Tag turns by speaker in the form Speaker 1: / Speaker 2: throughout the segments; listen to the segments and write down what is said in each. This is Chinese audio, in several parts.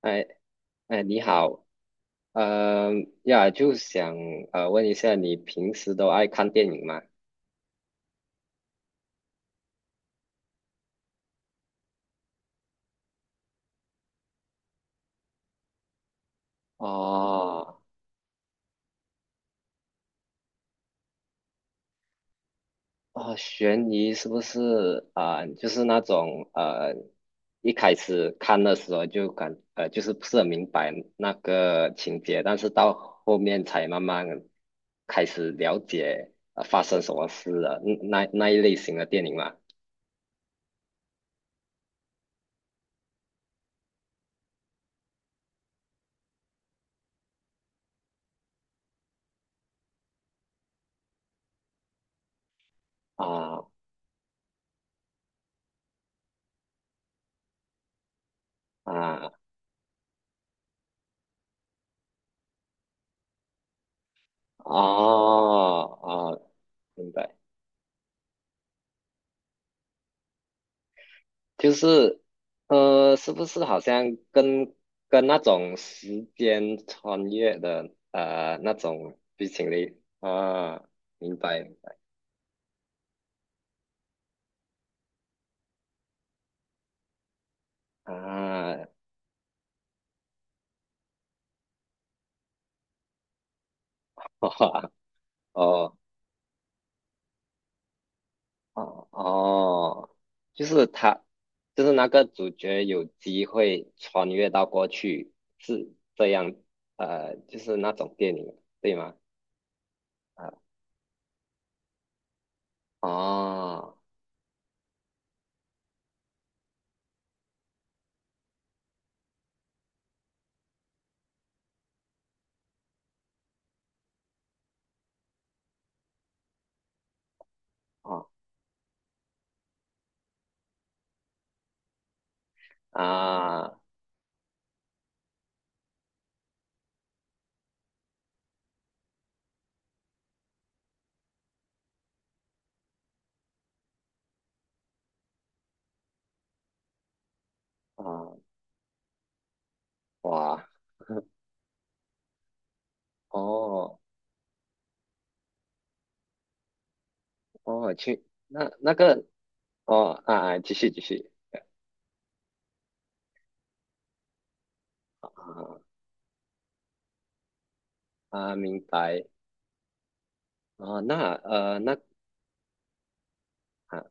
Speaker 1: 哎哎，你好，呃呀，就想问一下，你平时都爱看电影吗？哦哦，悬疑是不是啊、就是那种一开始看的时候就是不是很明白那个情节，但是到后面才慢慢开始了解发生什么事了，那一类型的电影嘛。啊啊哦哦，明白。就是，是不是好像跟跟那种时间穿越的那种剧情里啊，明白明白啊，哇哦哦哦，就是他，就是那个主角有机会穿越到过去，是这样，就是那种电影对吗？啊哦哦啊啊哇 哦。哦，去那个哦啊啊，继续继续啊啊，明白啊，那那啊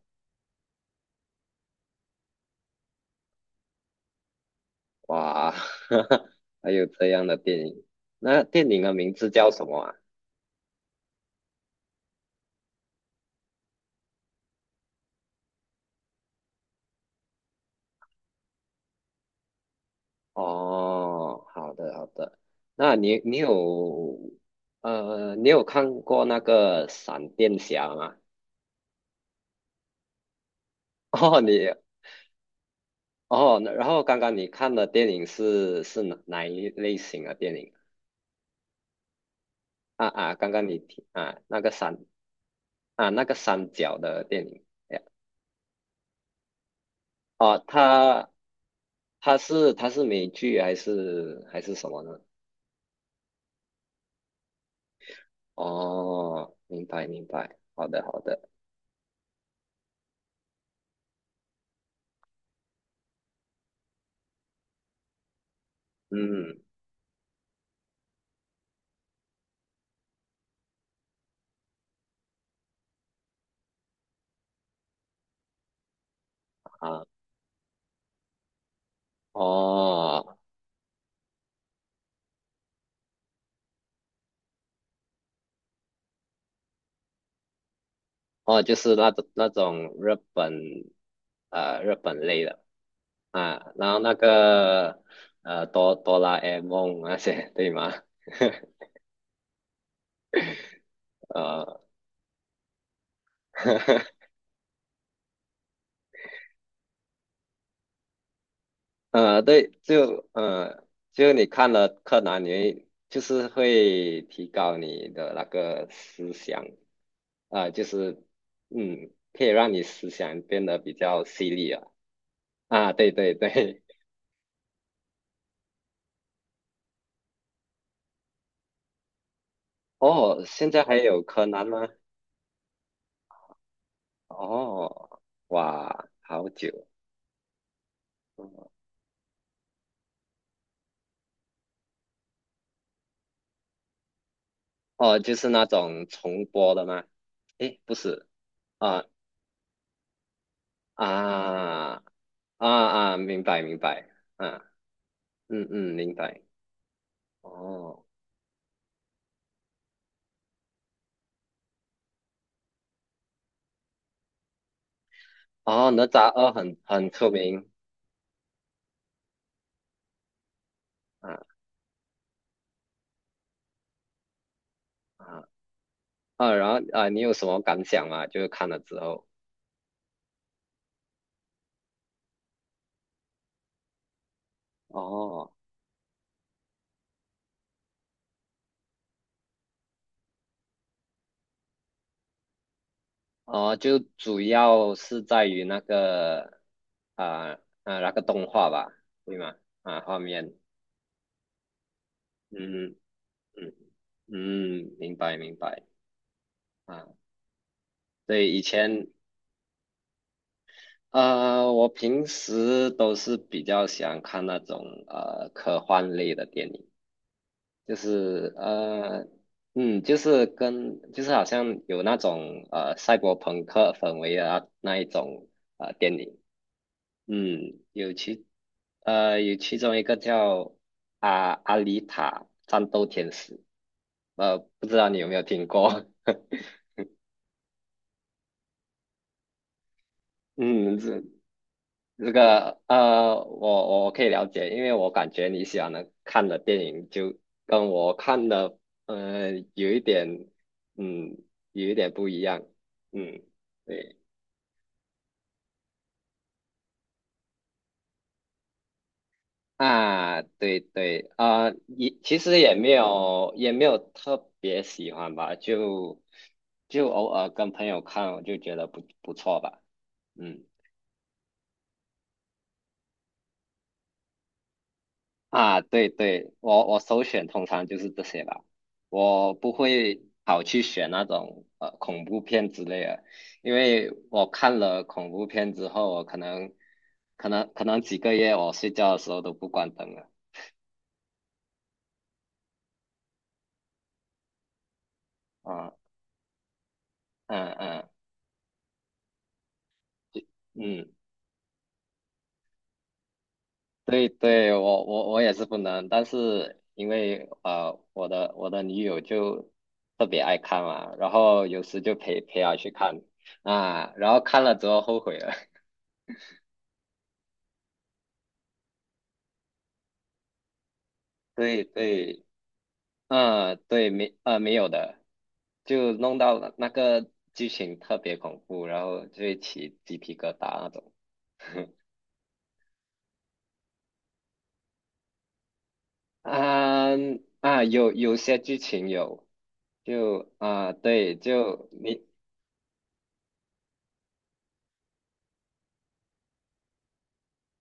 Speaker 1: 哇，还有这样的电影，那电影的名字叫什么啊？哦，好的好的，那你有你有看过那个闪电侠吗？哦你哦，那然后刚刚你看的电影是哪一类型的电影？啊啊，刚刚你听啊那个闪。啊，那个三角的电影，哎呀哦，他是美剧还是什么呢？哦，明白明白，好的好的，嗯啊，哦哦，就是那种日本日本类的啊，然后那个哆啦 A 梦那些对吗？呃 对，就就你看了柯南，你会就是会提高你的那个思想，啊、就是嗯，可以让你思想变得比较犀利啊。啊，对对对，哦，现在还有柯南吗？哦，哇，好久，哦，就是那种重播的吗？诶，不是，啊啊啊啊，明白明白，啊，嗯嗯，明白。哦。哦，哪吒二很出名啊啊啊！然后啊，你有什么感想吗？就是看了之后，哦哦，就主要是在于那个啊啊那个动画吧，对吗？啊，画面，嗯嗯嗯，明白明白啊。对，以前啊，我平时都是比较喜欢看那种科幻类的电影。就是嗯，就是跟就是好像有那种赛博朋克氛围的啊那一种电影，嗯，有其有其中一个叫阿丽塔战斗天使，不知道你有没有听过？嗯，这。这个我可以了解，因为我感觉你喜欢的看的电影就跟我看的，有一点，嗯，有一点不一样，嗯，对啊，对对啊，也其实也没有也没有特别喜欢吧，就偶尔跟朋友看，我就觉得不错吧，嗯。啊，对对，我首选通常就是这些吧，我不会跑去选那种恐怖片之类的，因为我看了恐怖片之后，我可能几个月我睡觉的时候都不关灯了，啊嗯嗯嗯，对对，我也是不能，但是因为我的女友就特别爱看嘛，然后有时就陪陪她去看啊，然后看了之后后悔了。对对，嗯，对，没，没有的，就弄到了那个剧情特别恐怖，然后就会起鸡皮疙瘩那种。啊啊，有些剧情有，就啊，对，就你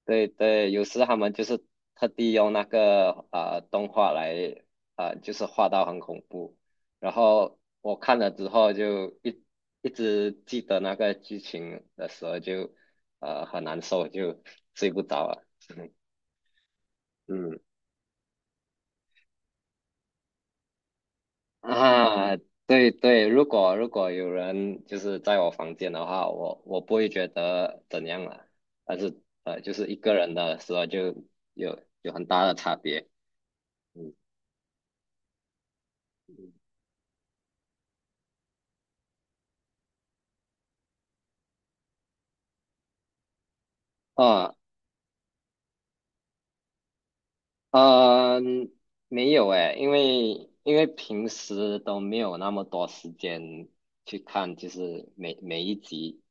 Speaker 1: 对对，有时他们就是特地用那个啊、动画来啊就是画到很恐怖，然后我看了之后就一直记得那个剧情的时候就很难受，就睡不着了。嗯啊，对对，如果有人就是在我房间的话，我不会觉得怎样了，但是就是一个人的时候就有有很大的差别。嗯。哦，嗯，没有诶，因为平时都没有那么多时间去看，就是每一集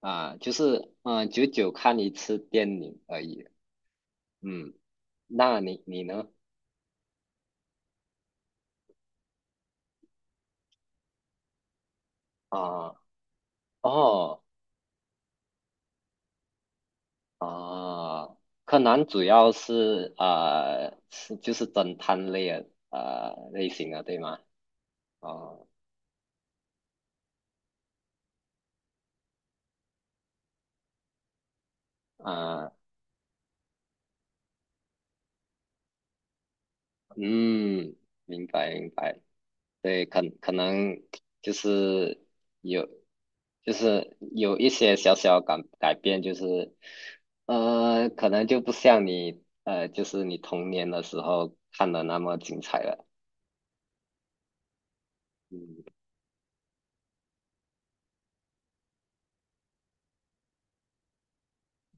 Speaker 1: 啊，就是嗯，久久看一次电影而已。嗯，那你呢？啊，哦啊，柯南主要就是侦探类的类型的，对吗？哦啊，嗯，明白明白。对，可能就是有，就是有一些小小改变，就是可能就不像你就是你童年的时候看的那么精彩了。嗯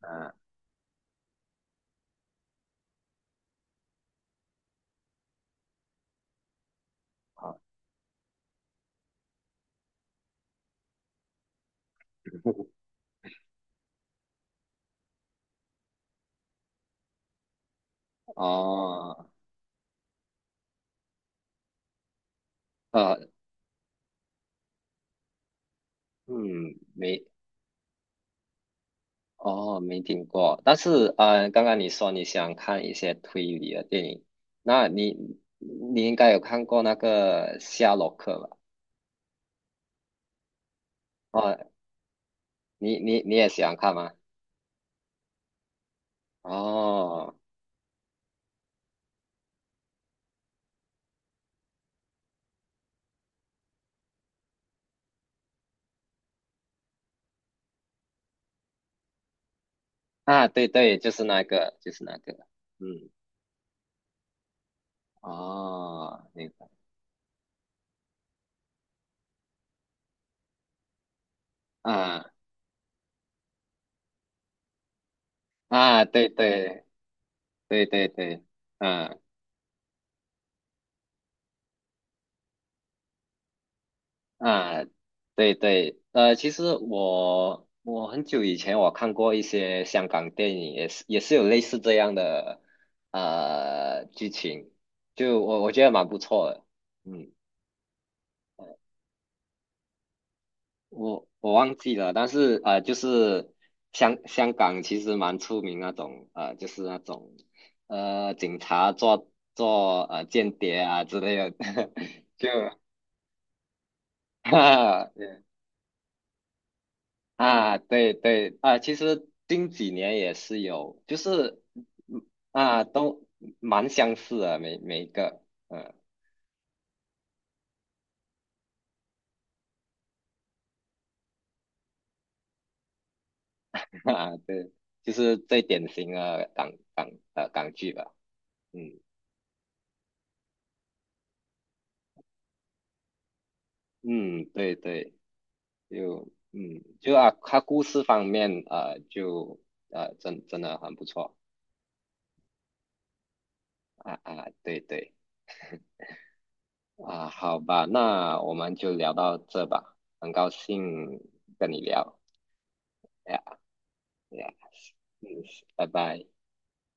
Speaker 1: 啊，好哦，呃，嗯，没，哦，没听过。但是刚刚你说你想看一些推理的电影，那你应该有看过那个《夏洛克》吧？哦，你也喜欢看吗？哦，啊，对对，就是那个，嗯，哦，那个，啊啊，对对对对对，嗯啊，对对，其实我很久以前我看过一些香港电影，也是有类似这样的剧情，就我觉得蛮不错的，嗯我忘记了，但是就是香港其实蛮出名那种就是那种警察做间谍啊之类的，就 啊对啊对对啊，其实近几年也是有，就是嗯啊都蛮相似的每每一个嗯 啊对，就是最典型的港剧吧，嗯嗯对对。就嗯，就啊，它故事方面啊，就真的很不错啊啊，对对啊，好吧，那我们就聊到这吧，很高兴跟你聊呀呀，嗯，拜拜。